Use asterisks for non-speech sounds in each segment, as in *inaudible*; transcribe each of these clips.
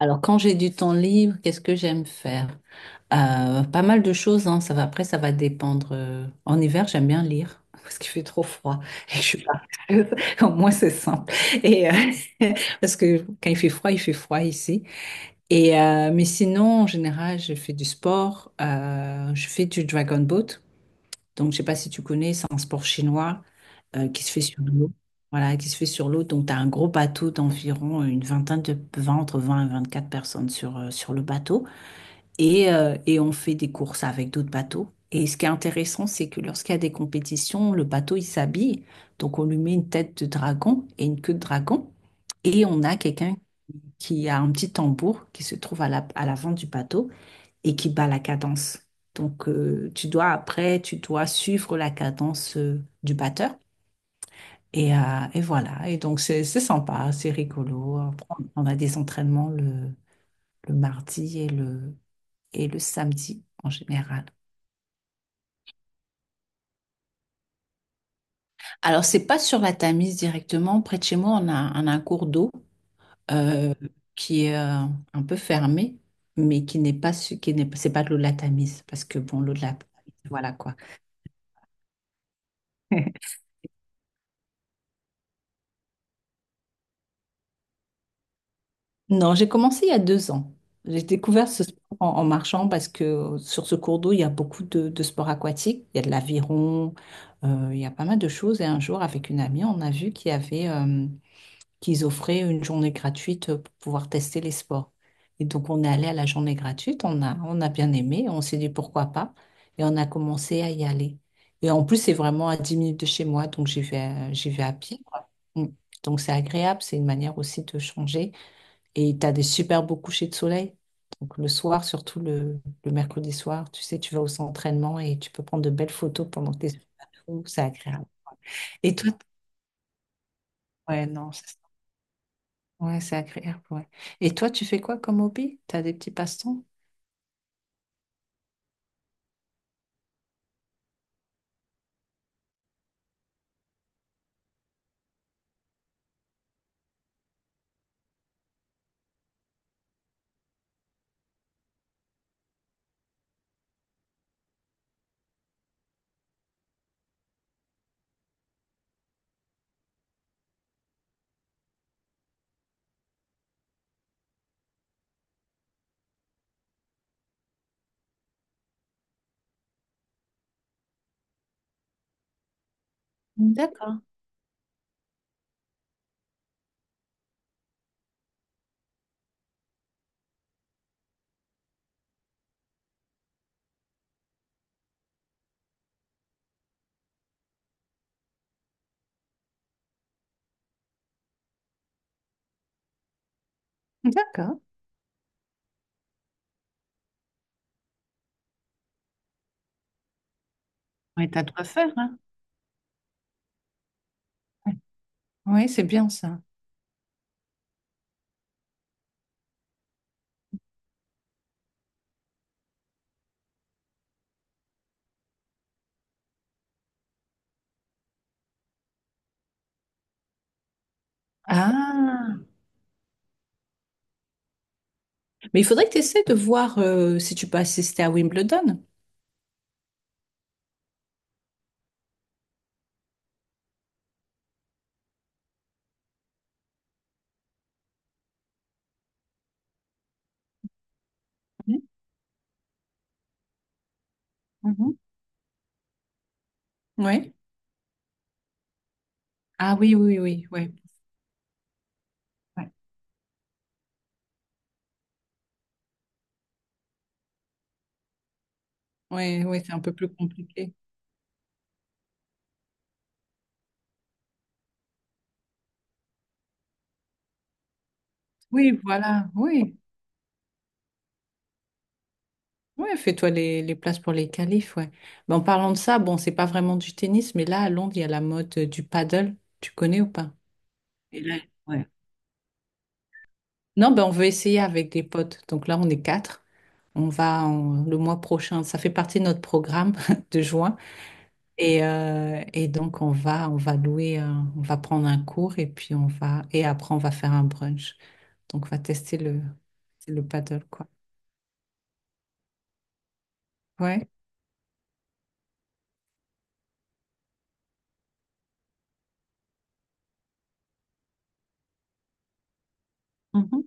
Alors, quand j'ai du temps libre, qu'est-ce que j'aime faire? Pas mal de choses, hein, ça va. Après, ça va dépendre. En hiver, j'aime bien lire *laughs* parce qu'il fait trop froid et je suis pas. *laughs* Au moins, c'est simple. Et, euh, *laughs* Parce que quand il fait froid ici. Mais sinon, en général, je fais du sport, je fais du dragon boat. Donc, je sais pas si tu connais, c'est un sport chinois qui se fait sur l'eau. Voilà, qui se fait sur l'eau. Donc, tu as un gros bateau d'environ une vingtaine de 20, entre 20 et 24 personnes sur, sur le bateau. Et on fait des courses avec d'autres bateaux. Et ce qui est intéressant, c'est que lorsqu'il y a des compétitions, le bateau, il s'habille. Donc, on lui met une tête de dragon et une queue de dragon. Et on a quelqu'un qui a un petit tambour qui se trouve à l'avant du bateau et qui bat la cadence. Donc, tu dois après, tu dois suivre la cadence du batteur. Et, euh, et voilà. Et donc, c'est sympa, c'est rigolo. Après, on a des entraînements le mardi et le samedi en général. Alors, c'est pas sur la Tamise directement. Près de chez moi, on a un cours d'eau euh, qui est un peu fermé, mais qui n'est pas, su- qui n'est, c'est pas de l'eau de la Tamise, parce que bon, voilà quoi. *laughs* Non, j'ai commencé il y a 2 ans. J'ai découvert ce sport en marchant parce que sur ce cours d'eau, il y a beaucoup de sports aquatiques. Il y a de l'aviron, il y a pas mal de choses. Et un jour, avec une amie, on a vu qu'ils offraient une journée gratuite pour pouvoir tester les sports. Et donc, on est allé à la journée gratuite, on a bien aimé, on s'est dit pourquoi pas. Et on a commencé à y aller. Et en plus, c'est vraiment à 10 minutes de chez moi, donc j'y vais à pied, quoi. Mm. Donc, c'est agréable, c'est une manière aussi de changer. Et tu as des super beaux couchers de soleil. Donc le soir, surtout le mercredi soir, tu sais, tu vas au centre et tu peux prendre de belles photos pendant que tu es sur la roue. C'est agréable. Et toi, t- ouais, non, c'est ouais, C'est agréable. Ouais. Et toi, tu fais quoi comme hobby? Tu as des petits passe-temps? D'accord. D'accord. Ouais, t'as de quoi faire, hein? Oui, c'est bien ça. Ah, mais il faudrait que tu essaies de voir si tu peux assister à Wimbledon. Oui. Ah oui, oui, oui, oui. Ouais. Ouais, ouais, ouais, c'est un peu plus compliqué. Oui, voilà, oui. Oui, fais-toi les places pour les qualifs, ouais. Mais en parlant de ça, bon, c'est pas vraiment du tennis, mais là, à Londres, il y a la mode du paddle. Tu connais ou pas? Et là, ouais. Non, ben, on veut essayer avec des potes. Donc là, on est quatre. Le mois prochain. Ça fait partie de notre programme *laughs* de juin. Et donc, on va louer, on va prendre un cours et puis on va, et après, on va faire un brunch. Donc, on va tester le paddle, quoi. Ouais. Mhm.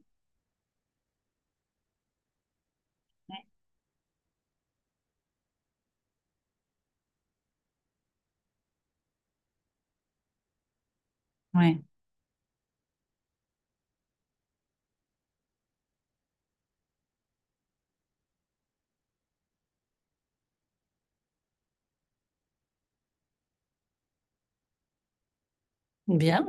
Ouais. Bien.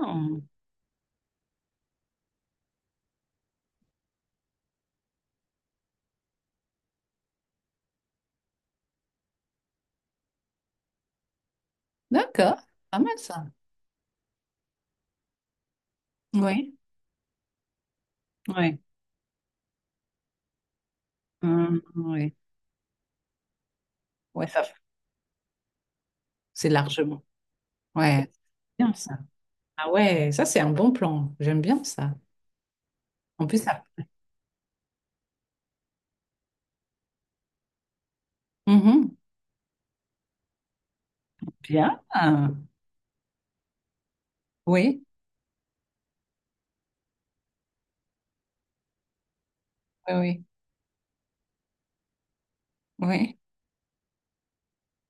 D'accord, pas mal ça. Oui, oui. Oui, ouais. Ça, c'est largement. Ouais, c'est bien ça. Ah ouais, ça c'est un bon plan. J'aime bien ça. En plus ça. Mhm. Bien. Oui, oui, oui. Oui.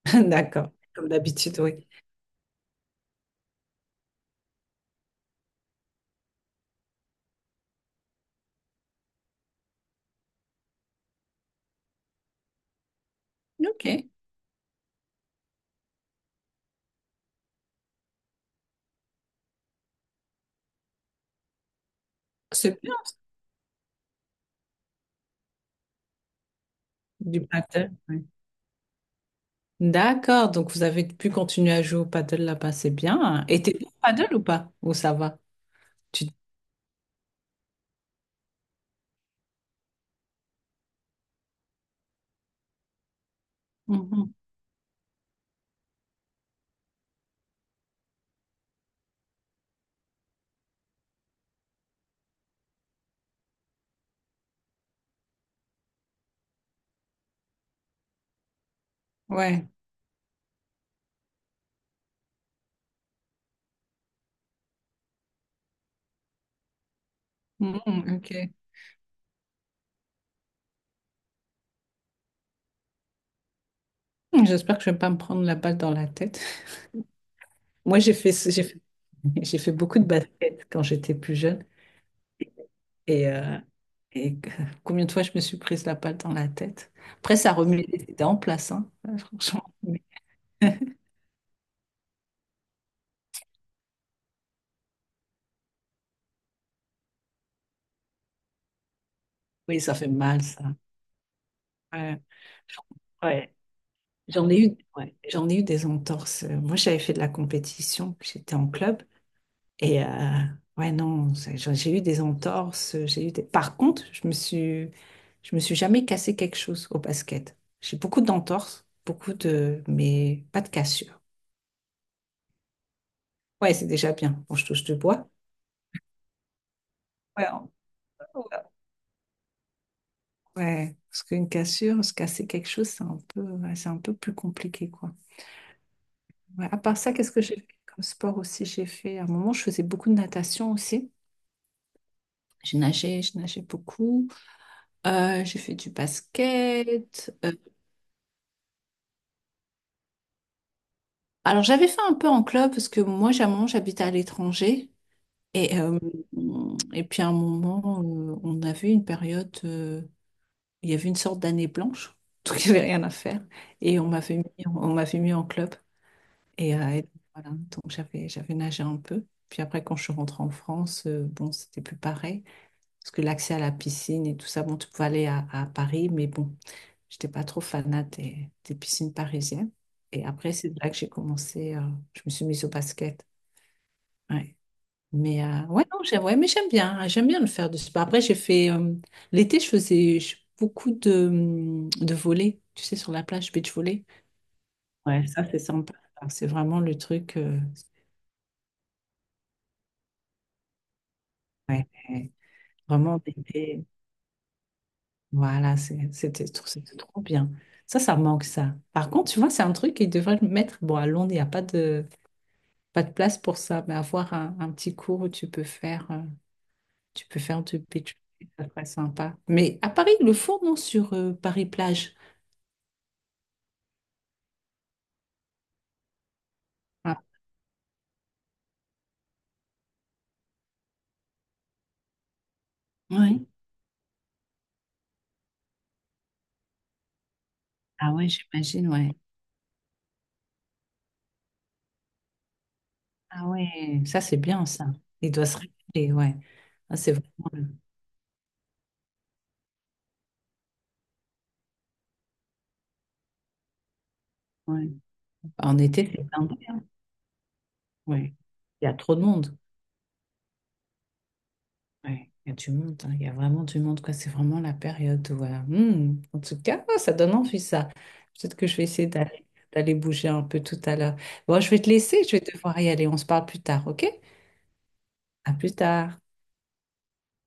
*laughs* D'accord. Comme d'habitude, oui. Ok, c'est bien du paddle. Oui. D'accord, donc vous avez pu continuer à jouer au paddle là-bas, c'est bien. Et t'es bien au paddle ou pas? Ou ça va? Tu... Mhm. Ouais. Mhm, ok. J'espère que je vais pas me prendre la balle dans la tête. Moi, j'ai fait, *laughs* J'ai fait beaucoup de basket quand j'étais plus jeune. Et, euh, et que- Combien de fois je me suis prise la balle dans la tête. Après, ça remuait les dents en place, hein, franchement. Mais *laughs* oui, ça fait mal, ça. Ouais. Ouais. J'en ai eu, ouais. J'en ai eu des entorses. Moi, j'avais fait de la compétition. J'étais en club. Et euh, ouais, non, j'ai eu des entorses, j'ai eu des... Par contre, je me suis jamais cassé quelque chose au basket. J'ai beaucoup d'entorses, beaucoup de... mais pas de cassure. Ouais, c'est déjà bien. Bon, je touche du bois. Ouais, en- ouais, ouais. Parce qu'une cassure, se casser quelque chose, c'est un peu, ouais, c'est un peu plus compliqué, quoi. Ouais, à part ça, qu'est-ce que j'ai fait comme sport aussi? J'ai fait, à un moment, je faisais beaucoup de natation aussi. J'ai nagé, je nageais beaucoup. J'ai fait du basket. Alors j'avais fait un peu en club parce que moi, j'ai un moment, j'habite à l'étranger. Et, euh, et puis à un moment, on avait une période, il y avait une sorte d'année blanche, *laughs* donc il n'y avait rien à faire. On m'avait mis en club. Et voilà, donc j'avais nagé un peu. Puis après, quand je suis rentrée en France, bon, c'était plus pareil. Parce que l'accès à la piscine et tout ça, bon, tu pouvais aller à Paris, mais bon, j'étais pas trop fanat des piscines parisiennes. Et après, c'est là que je me suis mise au basket. Ouais. Mais j'aime bien, hein, j'aime bien le faire du sport. Après, j'ai fait l'été, je faisais beaucoup de volley, tu sais, sur la plage, beach volley. Ouais, ça, c'est sympa. Alors, c'est vraiment le truc, ouais, ouais. Vraiment d'été. Voilà, c'était trop bien. Ça manque, ça. Par contre, tu vois, c'est un truc qu'ils devraient le mettre. Bon, à Londres, il n'y a pas de place pour ça, mais avoir un petit cours où tu peux faire. Tu peux faire deux beach parties, ça serait sympa. Mais à Paris, ils le font, non, sur Paris-Plage. Ah, ouais. Ah ouais, j'imagine, ouais. Ah ouais, ça c'est bien ça. Il doit se régaler, ouais. Ah, c'est vraiment... ouais. En été, c'est blindé, hein. Ouais. Il y a trop de monde. Ouais. Il y a du monde, hein. Il y a vraiment du monde, quoi. C'est vraiment la période où... hmm. En tout cas, ah, ça donne envie, ça. Peut-être que je vais essayer d'aller bouger un peu tout à l'heure. Bon, je vais te laisser, je vais devoir y aller. On se parle plus tard, ok? À plus tard.